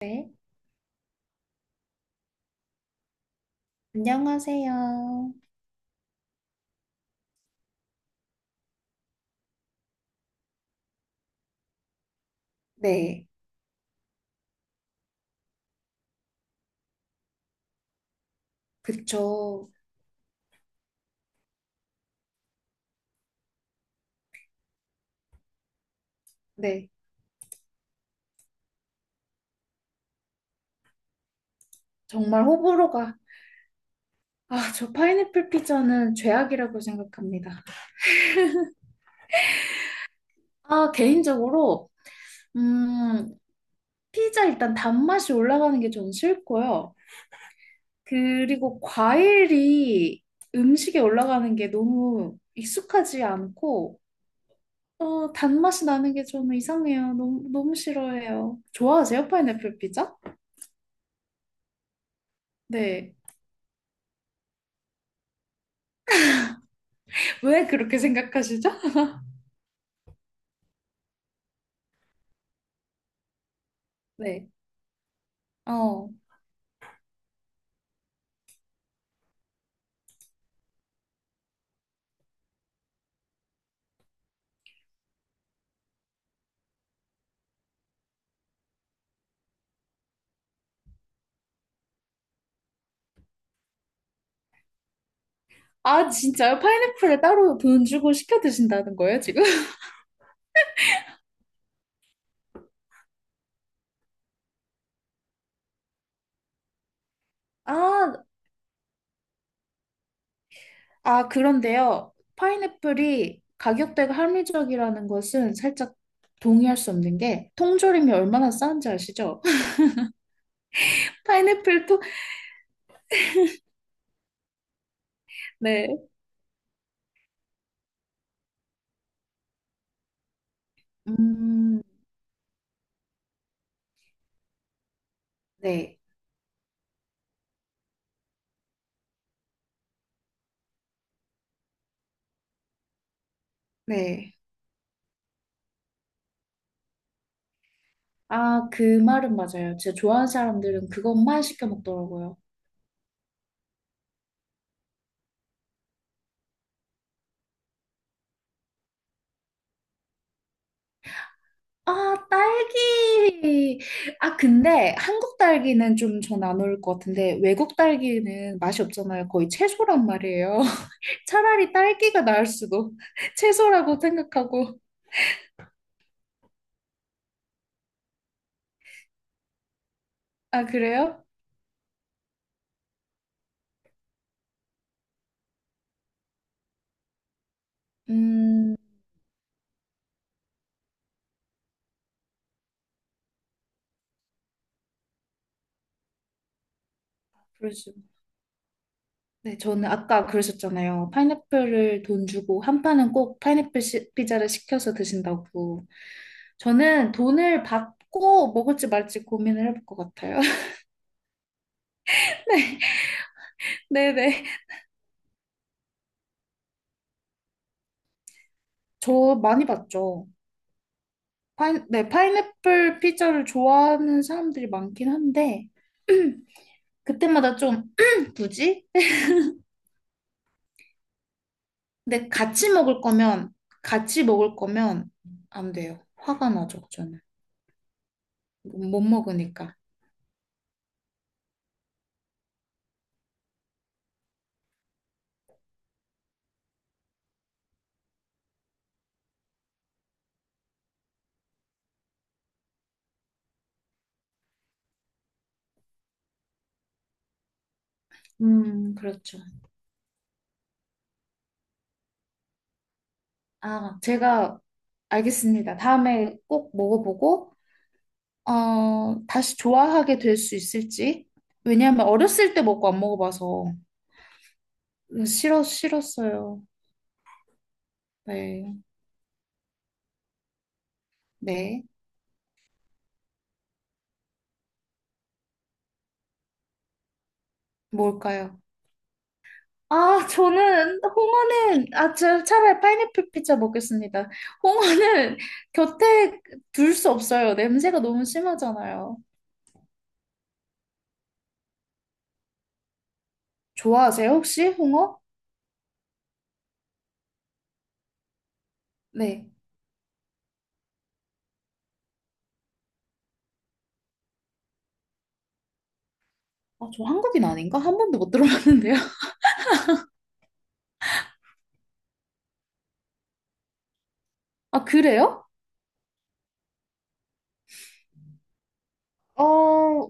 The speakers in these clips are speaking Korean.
네, 안녕하세요. 네, 그쵸. 네, 정말 호불호가. 아, 저 파인애플 피자는 죄악이라고 생각합니다. 아, 개인적으로, 음, 피자 일단 단맛이 올라가는 게 좀 싫고요. 그리고 과일이 음식에 올라가는 게 너무 익숙하지 않고, 어, 단맛이 나는 게 저는 이상해요. 너무, 너무 싫어해요. 좋아하세요, 파인애플 피자? 네. 왜 그렇게 생각하시죠? 네. 어. 아, 진짜요? 파인애플을 따로 돈 주고 시켜 드신다는 거예요, 지금? 아, 아, 그런데요. 파인애플이 가격대가 합리적이라는 것은 살짝 동의할 수 없는 게 통조림이 얼마나 싼지 아시죠? 파인애플 통, 네. 음, 네. 네. 아, 그 말은 맞아요. 제가 좋아하는 사람들은 그것만 시켜 먹더라고요. 아, 딸기. 아, 근데 한국 딸기는 좀 전 안 어울릴 것 같은데 외국 딸기는 맛이 없잖아요. 거의 채소란 말이에요. 차라리 딸기가 나을 수도. 채소라고 생각하고. 아, 그래요? 음, 그러죠. 네, 저는 아까 그러셨잖아요. 파인애플을 돈 주고 한 판은 꼭 피자를 시켜서 드신다고. 저는 돈을 받고 먹을지 말지 고민을 해볼 것 같아요. 네네. 저 많이 봤죠. 파인, 네, 파인애플 피자를 좋아하는 사람들이 많긴 한데, 그때마다 좀, 굳이? 근데 같이 먹을 거면, 같이 먹을 거면 안 돼요. 화가 나죠, 저는. 못 먹으니까. 그렇죠. 아, 제가 알겠습니다. 다음에 꼭 먹어보고, 어, 다시 좋아하게 될 수 있을지. 왜냐하면 어렸을 때 먹고 안 먹어봐서 싫었어요. 네, 네. 뭘까요? 아, 저는 저 차라리 파인애플 피자 먹겠습니다. 홍어는 곁에 둘 수 없어요. 냄새가 너무 심하잖아요. 좋아하세요, 혹시 홍어? 네. 아, 저 한국인 아닌가? 한 번도 못 들어봤는데요. 아, 그래요? 어,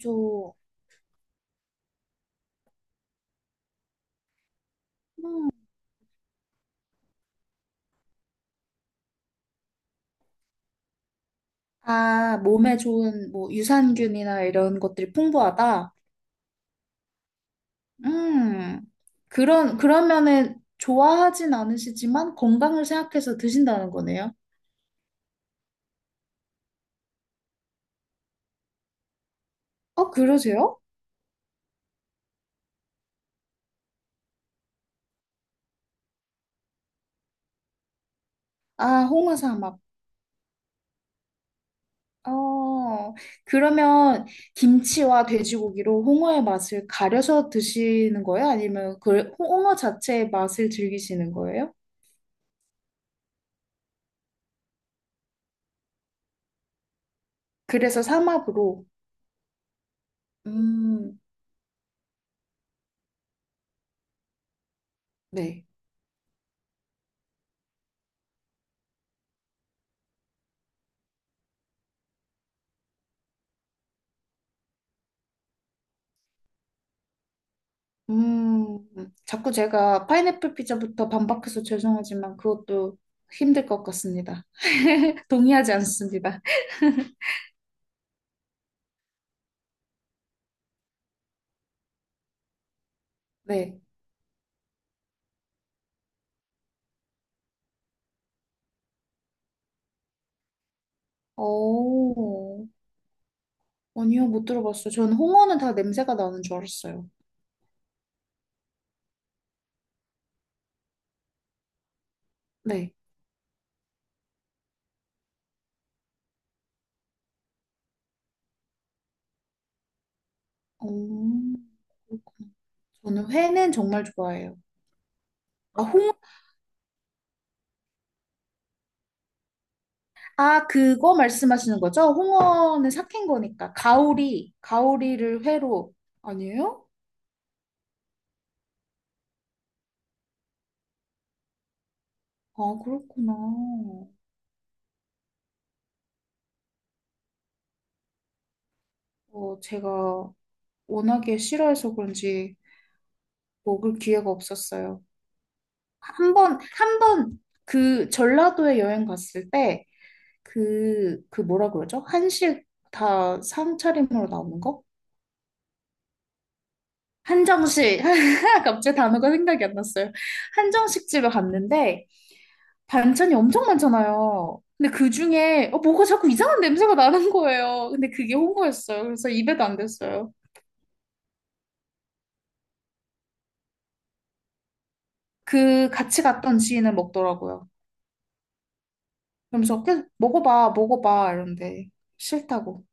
저 음. 아, 몸에 좋은 뭐 유산균이나 이런 것들이 풍부하다. 음. 그런 그러면은 좋아하진 않으시지만 건강을 생각해서 드신다는 거네요. 어, 그러세요? 아, 홍어 삼합. 어, 그러면 김치와 돼지고기로 홍어의 맛을 가려서 드시는 거예요? 아니면 그 홍어 자체의 맛을 즐기시는 거예요? 그래서 삼합으로. 음, 네. 음, 자꾸 제가 파인애플 피자부터 반박해서 죄송하지만 그것도 힘들 것 같습니다. 동의하지 않습니다. 네. 오, 아니요, 못 들어봤어요. 저는 홍어는 다 냄새가 나는 줄 알았어요. 네. 오, 그렇구나. 저는 회는 정말 좋아해요. 아, 홍, 아, 그거 말씀하시는 거죠? 홍어는 삭힌 거니까. 가오리, 가오리를 회로. 아니에요? 아, 그렇구나. 어, 제가 워낙에 싫어해서 그런지 먹을 기회가 없었어요. 한 번, 한 번, 그 전라도에 여행 갔을 때, 그 뭐라 그러죠? 한식 다 상차림으로 나오는 거? 한정식. 갑자기 단어가 생각이 안 났어요. 한정식 집에 갔는데, 반찬이 엄청 많잖아요. 근데 그 중에 어, 뭐가 자꾸 이상한 냄새가 나는 거예요. 근데 그게 홍어였어요. 그래서 입에도 안 댔어요. 그 같이 갔던 지인은 먹더라고요. 그러면서 계속 먹어봐, 먹어봐 이러는데 싫다고.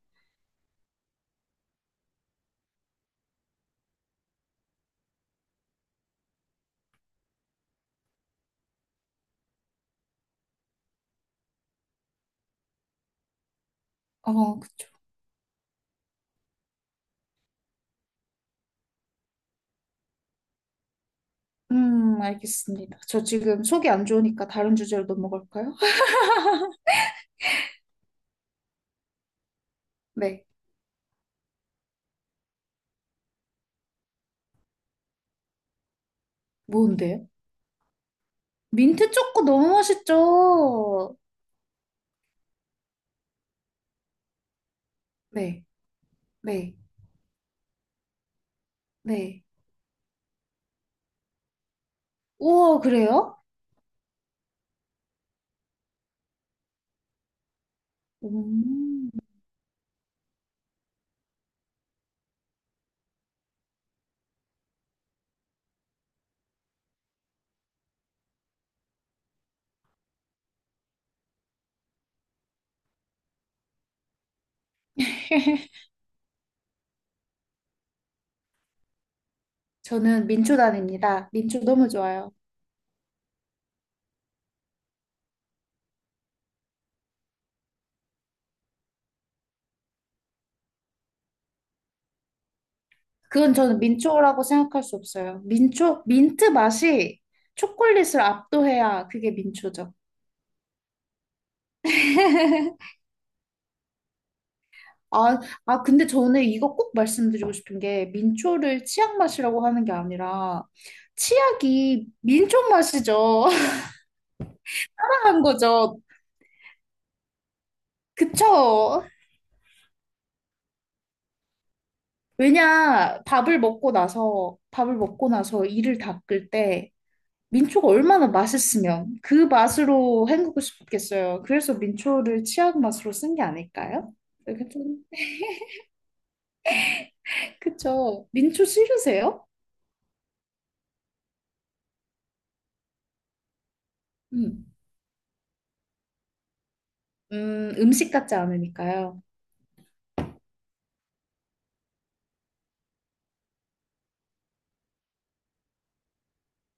어, 그쵸. 알겠습니다. 저 지금 속이 안 좋으니까 다른 주제로 넘어갈까요? 네. 뭔데요? 민트 초코 너무 맛있죠? 네, 네, 네. 우와, 그래요? 음. 저는 민초단입니다. 민초 너무 좋아요. 그건 저는 민초라고 생각할 수 없어요. 민초, 민트 맛이 초콜릿을 압도해야 그게 민초죠. 아, 아, 근데 저는 이거 꼭 말씀드리고 싶은 게 민초를 치약 맛이라고 하는 게 아니라 치약이 민초 맛이죠. 한 거죠. 그쵸? 왜냐, 밥을 먹고 나서 이를 닦을 때 민초가 얼마나 맛있으면 그 맛으로 헹구고 싶겠어요. 그래서 민초를 치약 맛으로 쓴 게 아닐까요? 이렇게 좀, 그쵸. 민초 싫으세요? 음, 음식 같지 않으니까요.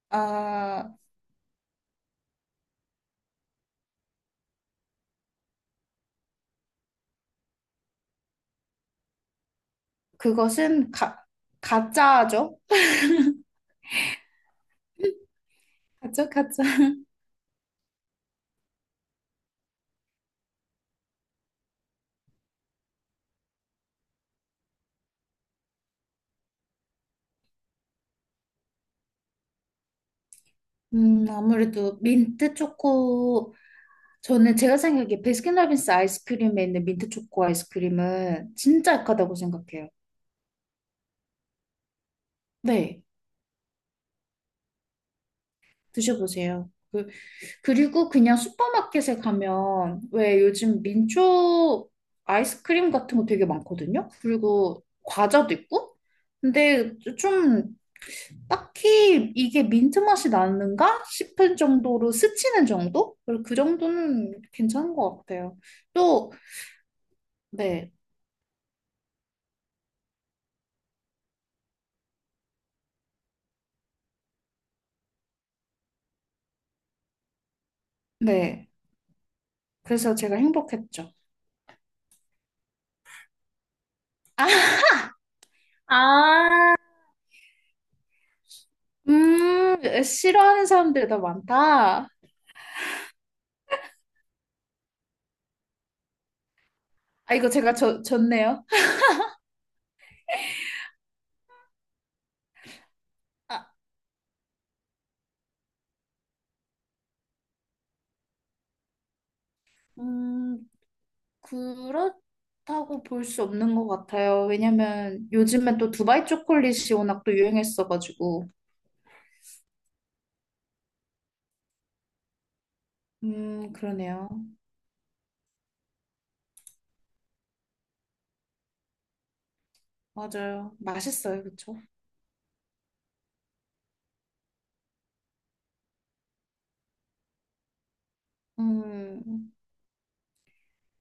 아, 그것은 가, 가짜죠? 가짜, 가짜. 아무래도 민트 초코, 저는 제가 생각하기에 베스킨라빈스 아이스크림에 있는 민트 초코 아이스크림은 진짜 약하다고 생각해요. 네, 드셔보세요. 그 그리고 그냥 슈퍼마켓에 가면 왜 요즘 민초 아이스크림 같은 거 되게 많거든요? 그리고 과자도 있고? 근데 좀 딱히 이게 민트 맛이 나는가 싶은 정도로 스치는 정도? 그리고 그 정도는 괜찮은 것 같아요. 또, 네, 네. 그래서 제가 행복했죠. 아, 음, 싫어하는 사람들이 더 많다. 아, 이거 제가 졌네요. 아, 음. 그렇다고 볼 수 없는 것 같아요. 왜냐면 요즘엔 또 두바이 초콜릿이 워낙 또 유행했어가지고. 그러네요. 맞아요. 맛있어요. 그쵸? 음,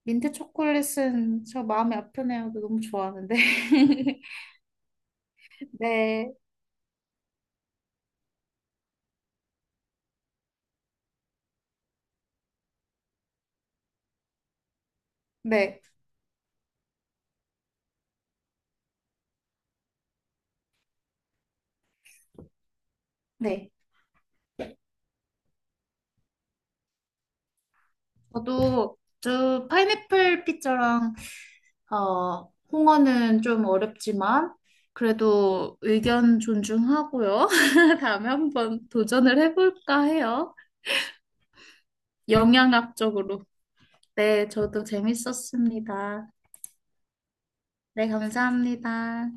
민트 초콜릿은 저 마음이 아프네요. 너무 좋아하는데. 네, 네, 네. 저도 저 파인애플 피자랑 어, 홍어는 좀 어렵지만 그래도 의견 존중하고요. 다음에 한번 도전을 해볼까 해요. 영양학 적으로. 네, 저도 재밌었습니다. 네, 감사합니다.